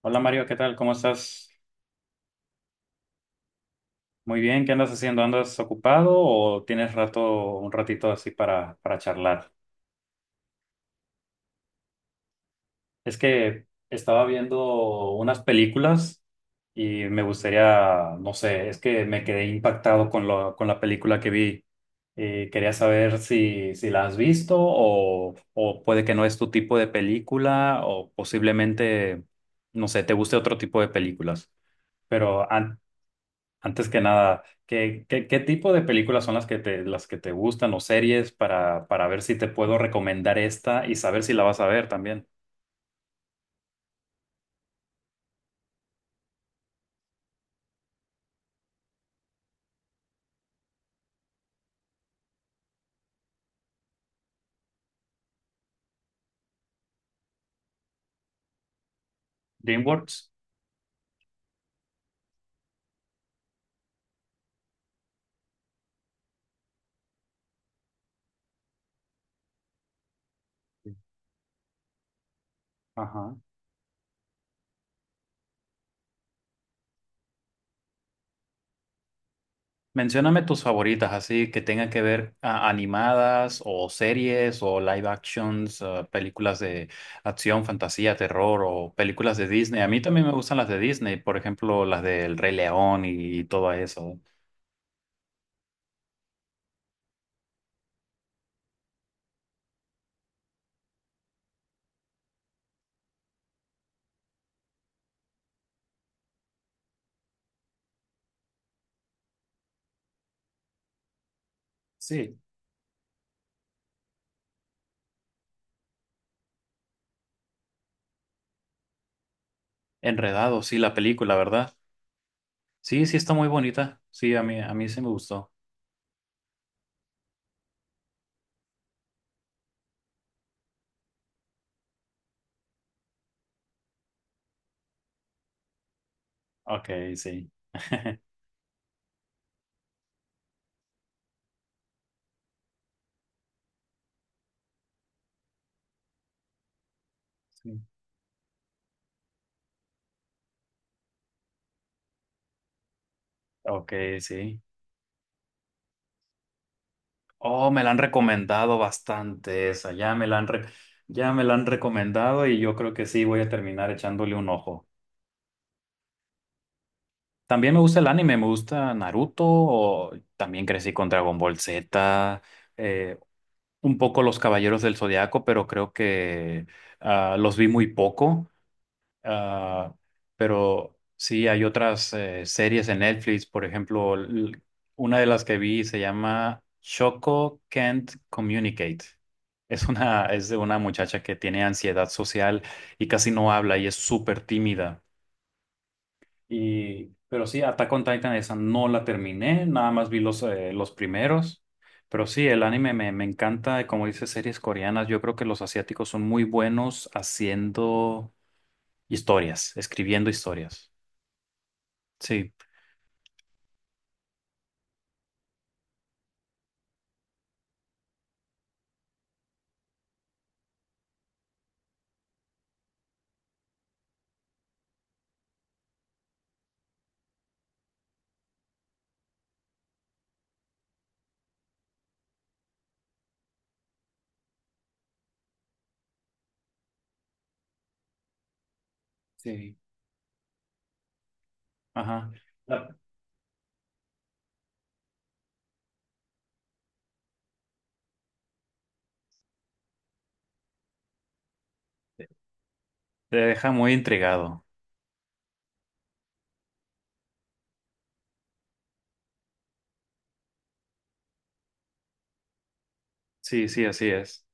Hola Mario, ¿qué tal? ¿Cómo estás? Muy bien, ¿qué andas haciendo? ¿Andas ocupado o tienes rato, un ratito así para charlar? Es que estaba viendo unas películas y me gustaría, no sé, es que me quedé impactado con lo, con la película que vi. Quería saber si la has visto o puede que no es tu tipo de película o posiblemente, no sé, te guste otro tipo de películas. Pero an- Antes que nada, ¿ qué tipo de películas son las que te gustan o series para ver si te puedo recomendar esta y saber si la vas a ver también? DreamWorks. Ajá. Mencióname tus favoritas, así que tengan que ver animadas o series o live actions, películas de acción, fantasía, terror o películas de Disney. A mí también me gustan las de Disney, por ejemplo, las del Rey León y todo eso. Sí. Enredados, sí, la película, ¿verdad? Sí, sí está muy bonita. Sí, a mí sí me gustó. Ok, sí. Sí. Ok, sí. Oh, me la han recomendado bastante esa. Ya me la han recomendado y yo creo que sí voy a terminar echándole un ojo. También me gusta el anime, me gusta Naruto, o también crecí con Dragon Ball Z, eh, un poco Los Caballeros del Zodiaco, pero creo que los vi muy poco. Ah, pero sí, hay otras series en Netflix, por ejemplo, una de las que vi se llama Choco Can't Communicate. Es de una muchacha que tiene ansiedad social y casi no habla y es súper tímida. Y, pero sí, Attack on Titan, esa no la terminé, nada más vi los primeros. Pero sí, el anime me encanta, como dice, series coreanas. Yo creo que los asiáticos son muy buenos haciendo historias, escribiendo historias. Sí, sí. Ajá. La- Te te deja muy intrigado. Sí, sí, así es.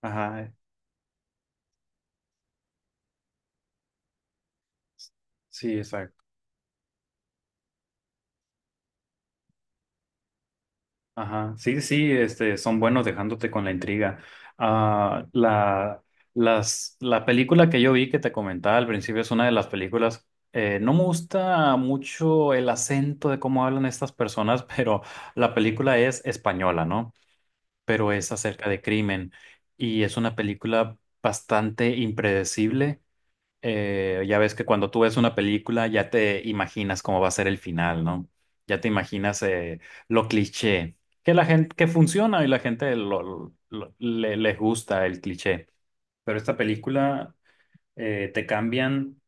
Ajá, sí, exacto. Ajá, sí, sí, este, son buenos dejándote con la intriga. Ah, la, la película que yo vi que te comentaba al principio es una de las películas. No me gusta mucho el acento de cómo hablan estas personas, pero la película es española, ¿no? Pero es acerca de crimen y es una película bastante impredecible. Ya ves que cuando tú ves una película ya te imaginas cómo va a ser el final, ¿no? Ya te imaginas lo cliché, que la gente, que funciona y la gente le, les gusta el cliché. Pero esta película te cambian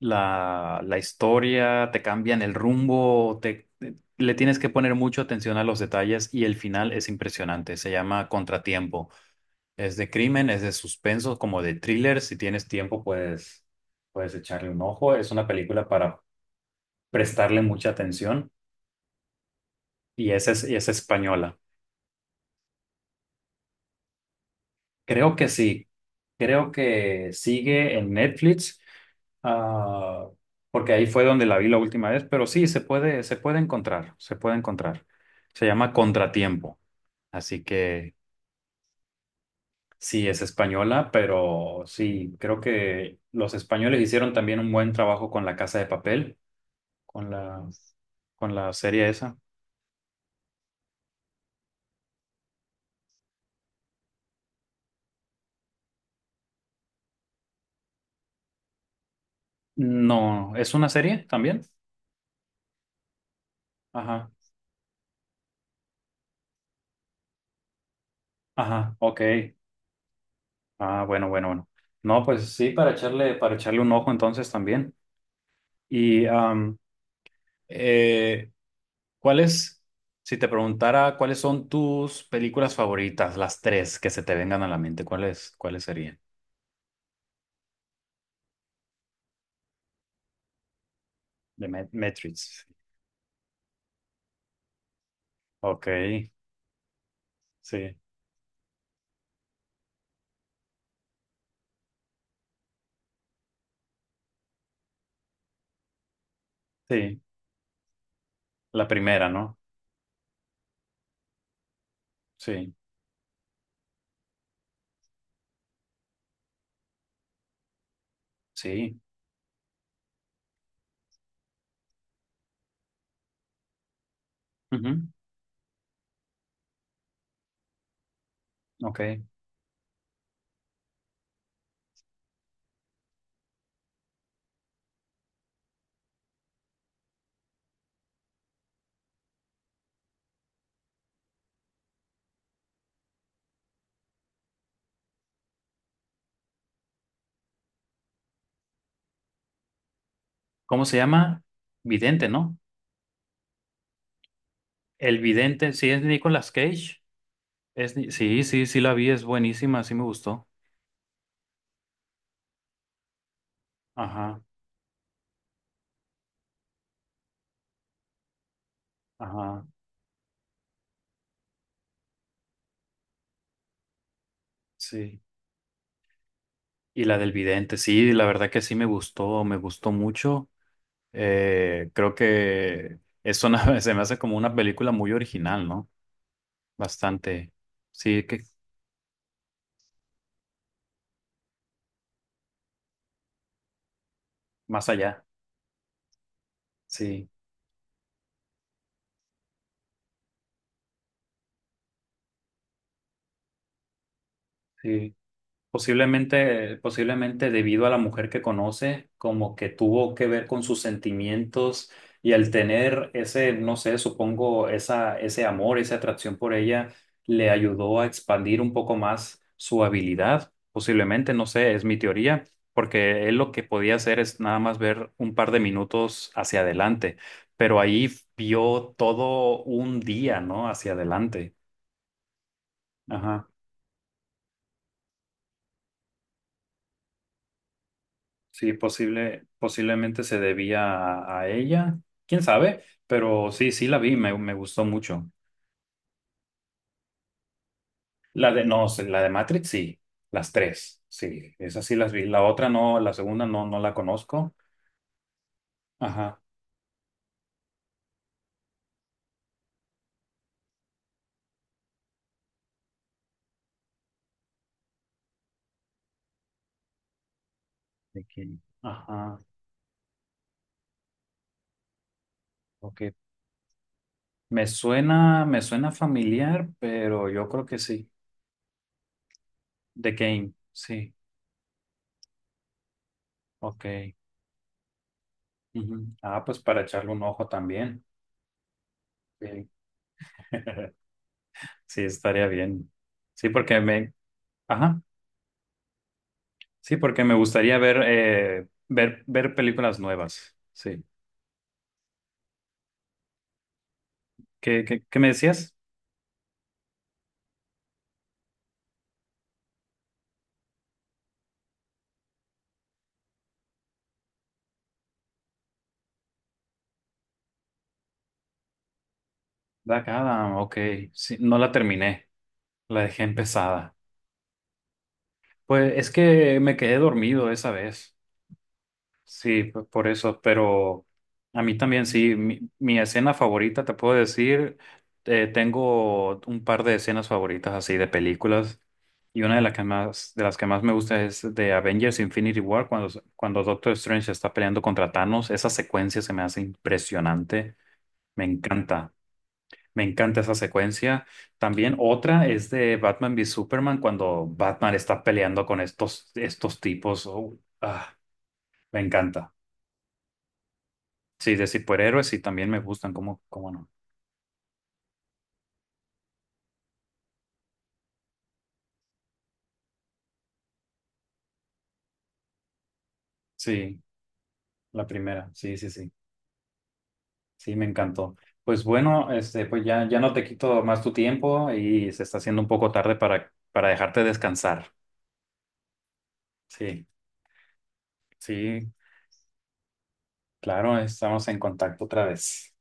la historia, te cambian el rumbo, te, le tienes que poner mucha atención a los detalles y el final es impresionante. Se llama Contratiempo. Es de crimen, es de suspenso, como de thriller. Si tienes tiempo, puedes echarle un ojo. Es una película para prestarle mucha atención y esa es, y es española. Creo que sí. Creo que sigue en Netflix, ah, porque ahí fue donde la vi la última vez, pero sí, se puede encontrar, se puede encontrar. Se llama Contratiempo, así que sí, es española, pero sí, creo que los españoles hicieron también un buen trabajo con La Casa de Papel con la, con la serie esa. No, ¿es una serie también? Ajá, ajá, ok. Ah, bueno, bueno, bueno. No, pues sí, para echarle un ojo entonces también. Y am, eh, ¿cuáles, si te preguntara cuáles son tus películas favoritas, las tres que se te vengan a la mente, ¿cuáles, cuáles serían? De Matrix. Ok, sí, sí. La primera, ¿no? Sí, sí. Ujú, ok. ¿Cómo se llama? Vidente, ¿no? El vidente, sí es Nicolas Cage. Es, Ni- Sí, sí, sí la vi, es buenísima, sí me gustó. Ajá, ajá, sí. Y la del vidente, sí, la verdad que sí me gustó mucho. Creo que es una, se me hace como una película muy original, ¿no? Bastante. Sí, que más allá. Sí, sí. Posiblemente, posiblemente debido a la mujer que conoce, como que tuvo que ver con sus sentimientos y al tener ese, no sé, supongo, esa, ese amor, esa atracción por ella, le ayudó a expandir un poco más su habilidad. Posiblemente, no sé, es mi teoría, porque él lo que podía hacer es nada más ver un par de minutos hacia adelante, pero ahí vio todo un día, ¿no? Hacia adelante. Sí, posible, posiblemente se debía a ella, quién sabe, pero sí, sí la vi, me gustó mucho. La de, no, sí, la de Matrix, sí, las tres, sí, esas sí las vi. La otra no, la segunda no, no la conozco. Ajá, de que, ajá, ok. Me suena familiar, pero yo creo que sí. The Game, sí, ok. Ujú. Ah, pues para echarle un ojo también. Sí, sí, estaría bien. Sí, porque me, ajá. Sí, porque me gustaría ver, ver películas nuevas. Sí. ¿Qué, qué, qué me decías? Black Adam, ok. Sí, no la terminé. La dejé empezada. Pues es que me quedé dormido esa vez. Sí, pues por eso, pero a mí también sí, mi escena favorita, te puedo decir, tengo un par de escenas favoritas así de películas y una de las que más, de las que más me gusta es de Avengers Infinity War cuando, cuando Doctor Strange está peleando contra Thanos, esa secuencia se me hace impresionante, me encanta, me encanta esa secuencia. También otra es de Batman v Superman cuando Batman está peleando con estos, estos tipos, oh, ah, me encanta. Sí, de superhéroes sí también me gustan, ¿cómo, cómo no? Sí, la primera, sí, sí, sí, sí, me encantó. Pues bueno, este, pues ya, ya no te quito más tu tiempo y se está haciendo un poco tarde para dejarte descansar. Sí, sí, claro, estamos en contacto otra vez.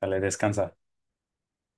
Dale, descansa.